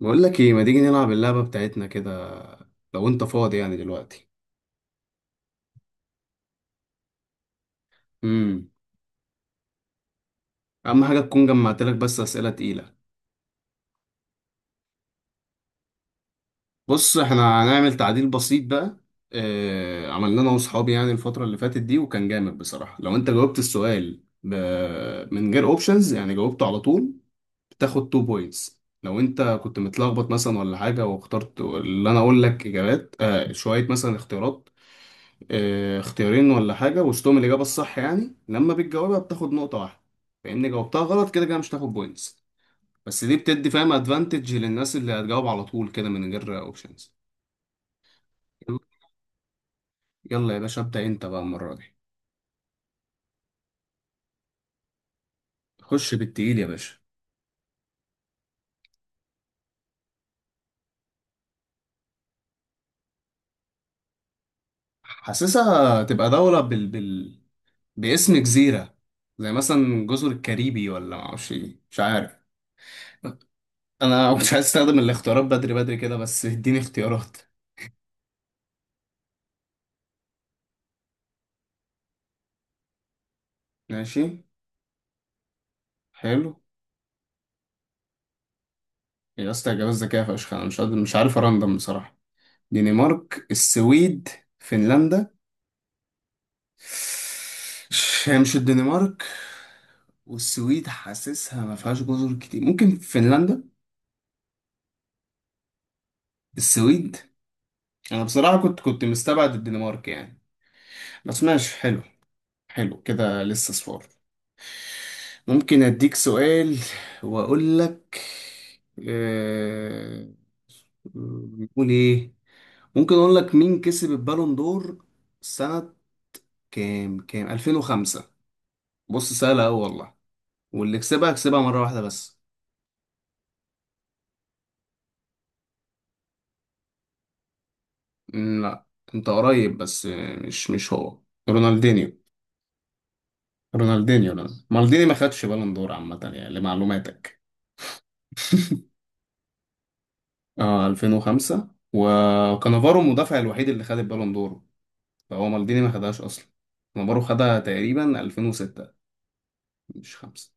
بقول لك ايه، ما تيجي نلعب اللعبة بتاعتنا كده لو انت فاضي يعني دلوقتي؟ امم اهم حاجة تكون جمعت لك بس أسئلة تقيلة. بص احنا هنعمل تعديل بسيط بقى. اه، عملنا انا واصحابي يعني الفترة اللي فاتت دي وكان جامد بصراحة. لو انت جاوبت السؤال من غير اوبشنز يعني جاوبته على طول بتاخد 2 بوينتس. لو انت كنت متلخبط مثلا ولا حاجة واخترت اللي انا اقول لك، اجابات شوية مثلا، اختيارات اختيارين ولا حاجة وسطهم الإجابة الصح، يعني لما بتجاوبها بتاخد نقطة واحدة. فإن جاوبتها غلط كده كده مش هتاخد بوينتس. بس دي بتدي فاهم أدفانتج للناس اللي هتجاوب على طول كده من غير أوبشنز. يلا. يلا يا باشا، ابدأ أنت بقى المرة دي. خش بالتقيل يا باشا. حاسسها تبقى دولة باسم جزيرة، زي مثلا جزر الكاريبي ولا معرفش إيه، مش عارف. أنا مش عايز أستخدم الاختيارات بدري بدري كده، بس اديني اختيارات. ماشي، حلو. يا اسطى اجابات ذكيه فشخ، انا مش قادر، مش عارف ارندم بصراحه. دنمارك، السويد، فنلندا. هي مش الدنمارك، والسويد حاسسها ما فيهاش جزر كتير، ممكن فنلندا. السويد. انا بصراحه كنت مستبعد الدنمارك يعني، بس ماشي حلو. حلو كده، لسه صفار. ممكن اديك سؤال واقول لك. آه، نقول ايه؟ ممكن اقول لك مين كسب البالون دور سنة كام 2005. بص سهلة أوي والله، واللي كسبها كسبها مرة واحدة بس. مم، لا. أنت قريب بس مش هو. رونالدينيو. رونالدينيو لا، مالديني ما خدش بالون دور عامة يعني لمعلوماتك. اه 2005، وكانافارو المدافع الوحيد اللي خد البالون دور، فهو مالديني ما خدهاش أصلا. كانافارو خدها تقريبا 2006. مش خمسة.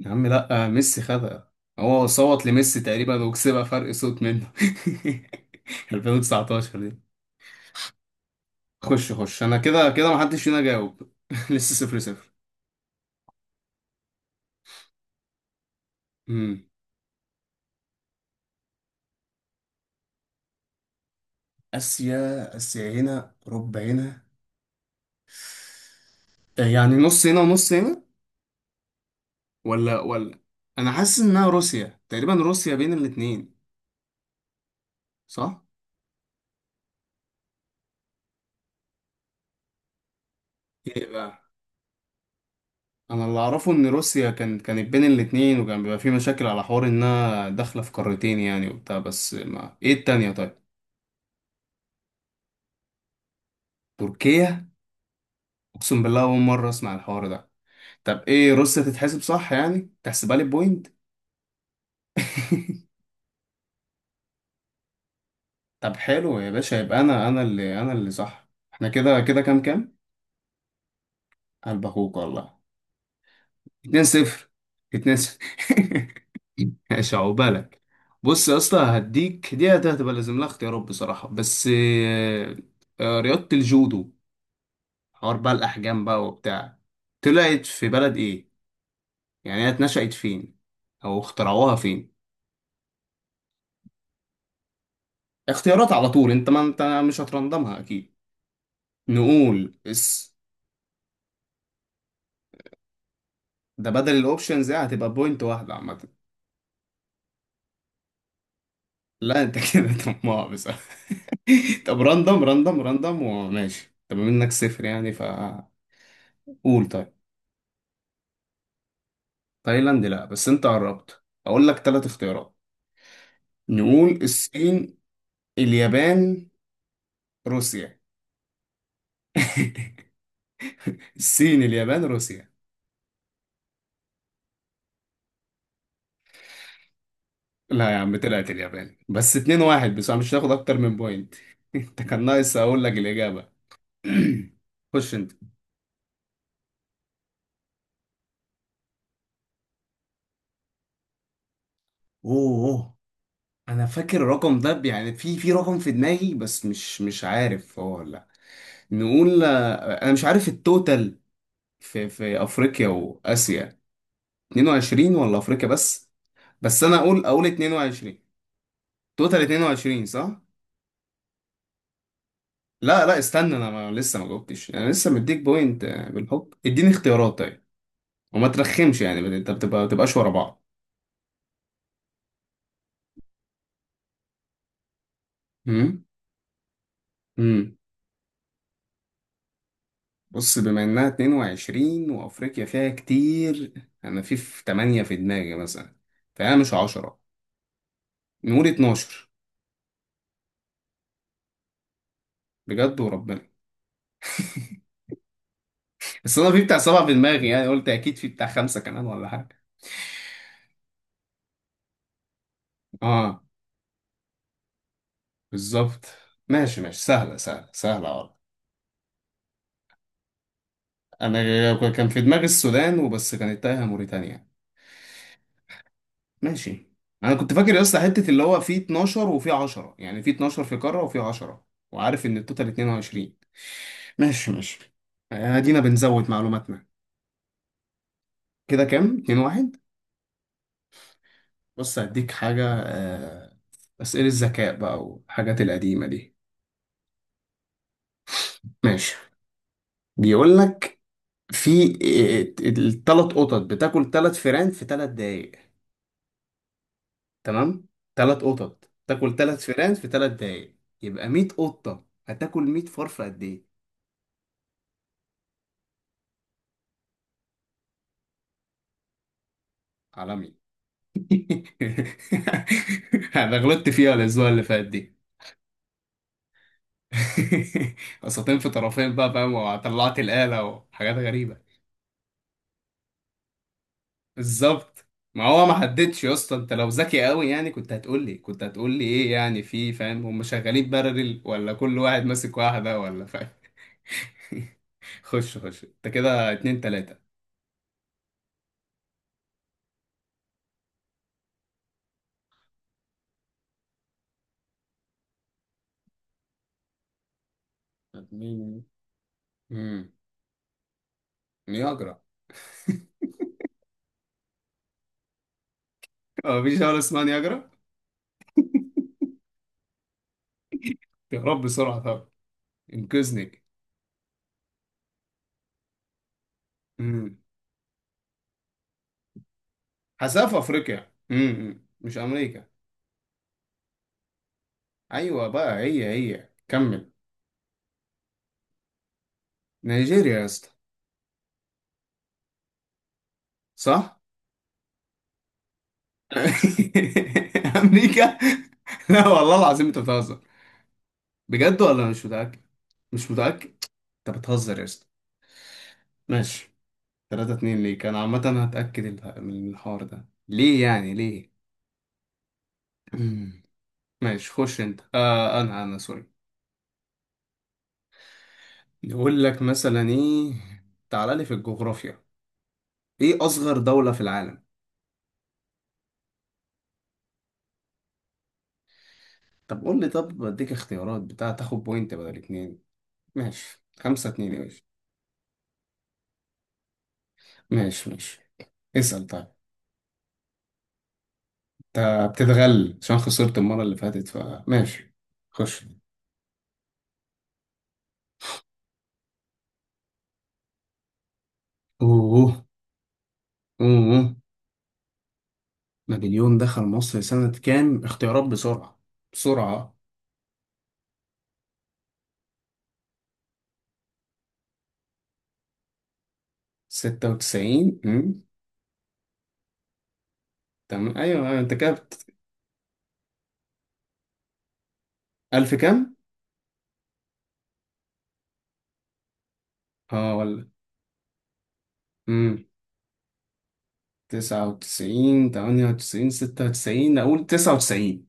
يا عم لا، ميسي خدها. هو صوت لميسي تقريبا وكسبها فرق صوت منه. 2019. خش خش، انا كده كده محدش فينا جاوب. لسه صفر صفر. امم اسيا، اسيا هنا ربع هنا، يعني نص هنا ونص هنا. ولا انا حاسس انها روسيا تقريبا، روسيا بين الاتنين، صح. ايه بقى؟ انا اللي اعرفه ان روسيا كانت بين الاتنين وكان بيبقى في مشاكل على حوار انها داخله في قارتين يعني وبتاع، بس ما ايه التانية طيب؟ تركيا. اقسم بالله اول مره اسمع الحوار ده. طب ايه روسيا تتحسب صح يعني، تحسبها لي بوينت. طب حلو يا باشا، يبقى انا اللي صح. احنا كده كده كام؟ قلب اخوك والله. 2 0. 2 0. ماشي، عقبالك. بص يا اسطى، هديك دي هتبقى لازم لها اختيارات بصراحة، بس رياضة الجودو، حوار بقى الأحجام بقى وبتاع، طلعت في بلد إيه؟ يعني هي اتنشأت فين؟ أو اخترعوها فين؟ اختيارات على طول، أنت ما أنت مش هترندمها أكيد. نقول اس ده بدل الأوبشنز، دي هتبقى بوينت واحدة عامة. لا انت كده طماع بصراحة. طب راندم راندم راندم وماشي، طب منك صفر يعني فقول. طيب. تايلاند لا، بس انت قربت، اقول لك ثلاث اختيارات. نقول الصين، اليابان، روسيا. الصين، اليابان، روسيا. لا يا عم، طلعت اليابان، بس اتنين واحد، بس مش هتاخد اكتر من بوينت. انت كان ناقص اقول لك الاجابة. خش انت. اوه اوه. انا فاكر الرقم ده يعني في رقم في دماغي، بس مش عارف هو ولا. نقول انا مش عارف التوتال في افريقيا واسيا، 22 ولا افريقيا بس. بس انا اقول 22. توتال 22 صح. لا لا استنى، انا ما لسه ما جاوبتش. انا لسه مديك بوينت، بالحب اديني اختيارات طيب، وما ترخمش يعني انت بتبقى، ما تبقاش ورا بعض. امم امم بص، بما انها 22 وافريقيا فيها كتير، انا في 8 في دماغي مثلا، فانا مش 10، نقول 12. بجد وربنا. بس انا في بتاع سبعة في دماغي يعني قلت اكيد في بتاع خمسة كمان ولا حاجة. اه بالظبط. ماشي ماشي، سهلة سهلة سهلة والله. انا كان في دماغي السودان وبس، كانت تايهة موريتانيا. ماشي. انا كنت فاكر يا اسطى حتة اللي هو في 12 وفي 10، يعني في 12 في قارة وفي 10، وعارف ان التوتال 22. ماشي ماشي. ادينا بنزود معلوماتنا. كده كام؟ 2 1. بص هديك حاجة، أسئلة الذكاء بقى والحاجات القديمة دي. ماشي. بيقول لك في الثلاث قطط بتاكل ثلاث فئران في ثلاث دقايق، تمام؟ ثلاث قطط تاكل ثلاث فئران في ثلاث دقايق، يبقى 100 قطة هتاكل 100 فار في قد ايه؟ عالمي. انا غلطت فيها الاسبوع اللي فات دي. قسطين في طرفين بقى فاهم، وطلعت الآلة وحاجات غريبة. بالظبط. ما هو ما حددش يا اسطى، انت لو ذكي قوي يعني كنت هتقول لي ايه يعني، في فاهم هم شغالين بارلل ولا كل واحد ماسك واحدة، ولا فاهم. خش خش انت، كده اتنين تلاتة. اتنين. امم نياجرا، هو مفيش دولة اسمها نياجرا. يا رب بسرعة طب، انقذني. امم حاسها في افريقيا، مش امريكا. ايوه بقى، هي هي كمل. نيجيريا يا اسطى، صح. امريكا. لا والله العظيم انت بتهزر. بجد، ولا مش متأكد؟ مش متأكد. انت بتهزر يا اسطى. ماشي. 3 2 ليك، انا عامة هتأكد من الحوار ده ليه يعني ليه. مم. ماشي، خش انت. انا سوري. يقول لك مثلا ايه، تعال لي في الجغرافيا، ايه اصغر دولة في العالم؟ طب قول لي، طب بديك اختيارات بتاع تاخد بوينت بدل اتنين. ماشي، خمسة اتنين يا باشا. ماشي ماشي، اسأل طيب. انت بتتغل عشان خسرت المرة اللي فاتت، فماشي، خش. اوه اوه. نابليون دخل مصر سنة كام؟ اختيارات بسرعة، بسرعة. ستة وتسعين. تمام ايوه ايوه انت كابت. ألف كام؟ اه. امم تسعة وتسعين، تمانية وتسعين، ستة وتسعين، أقول تسعة وتسعين.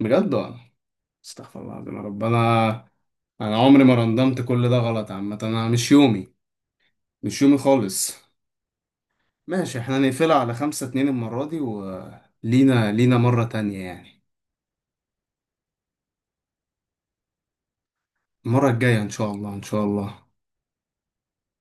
بجد والله، استغفر الله العظيم يا رب. أنا، أنا عمري ما رندمت، كل ده غلط. عامة أنا مش يومي، مش يومي خالص. ماشي احنا نقفلها على خمسة اتنين المرة دي، ولينا مرة تانية يعني. المرة الجاية إن شاء الله، إن شاء الله.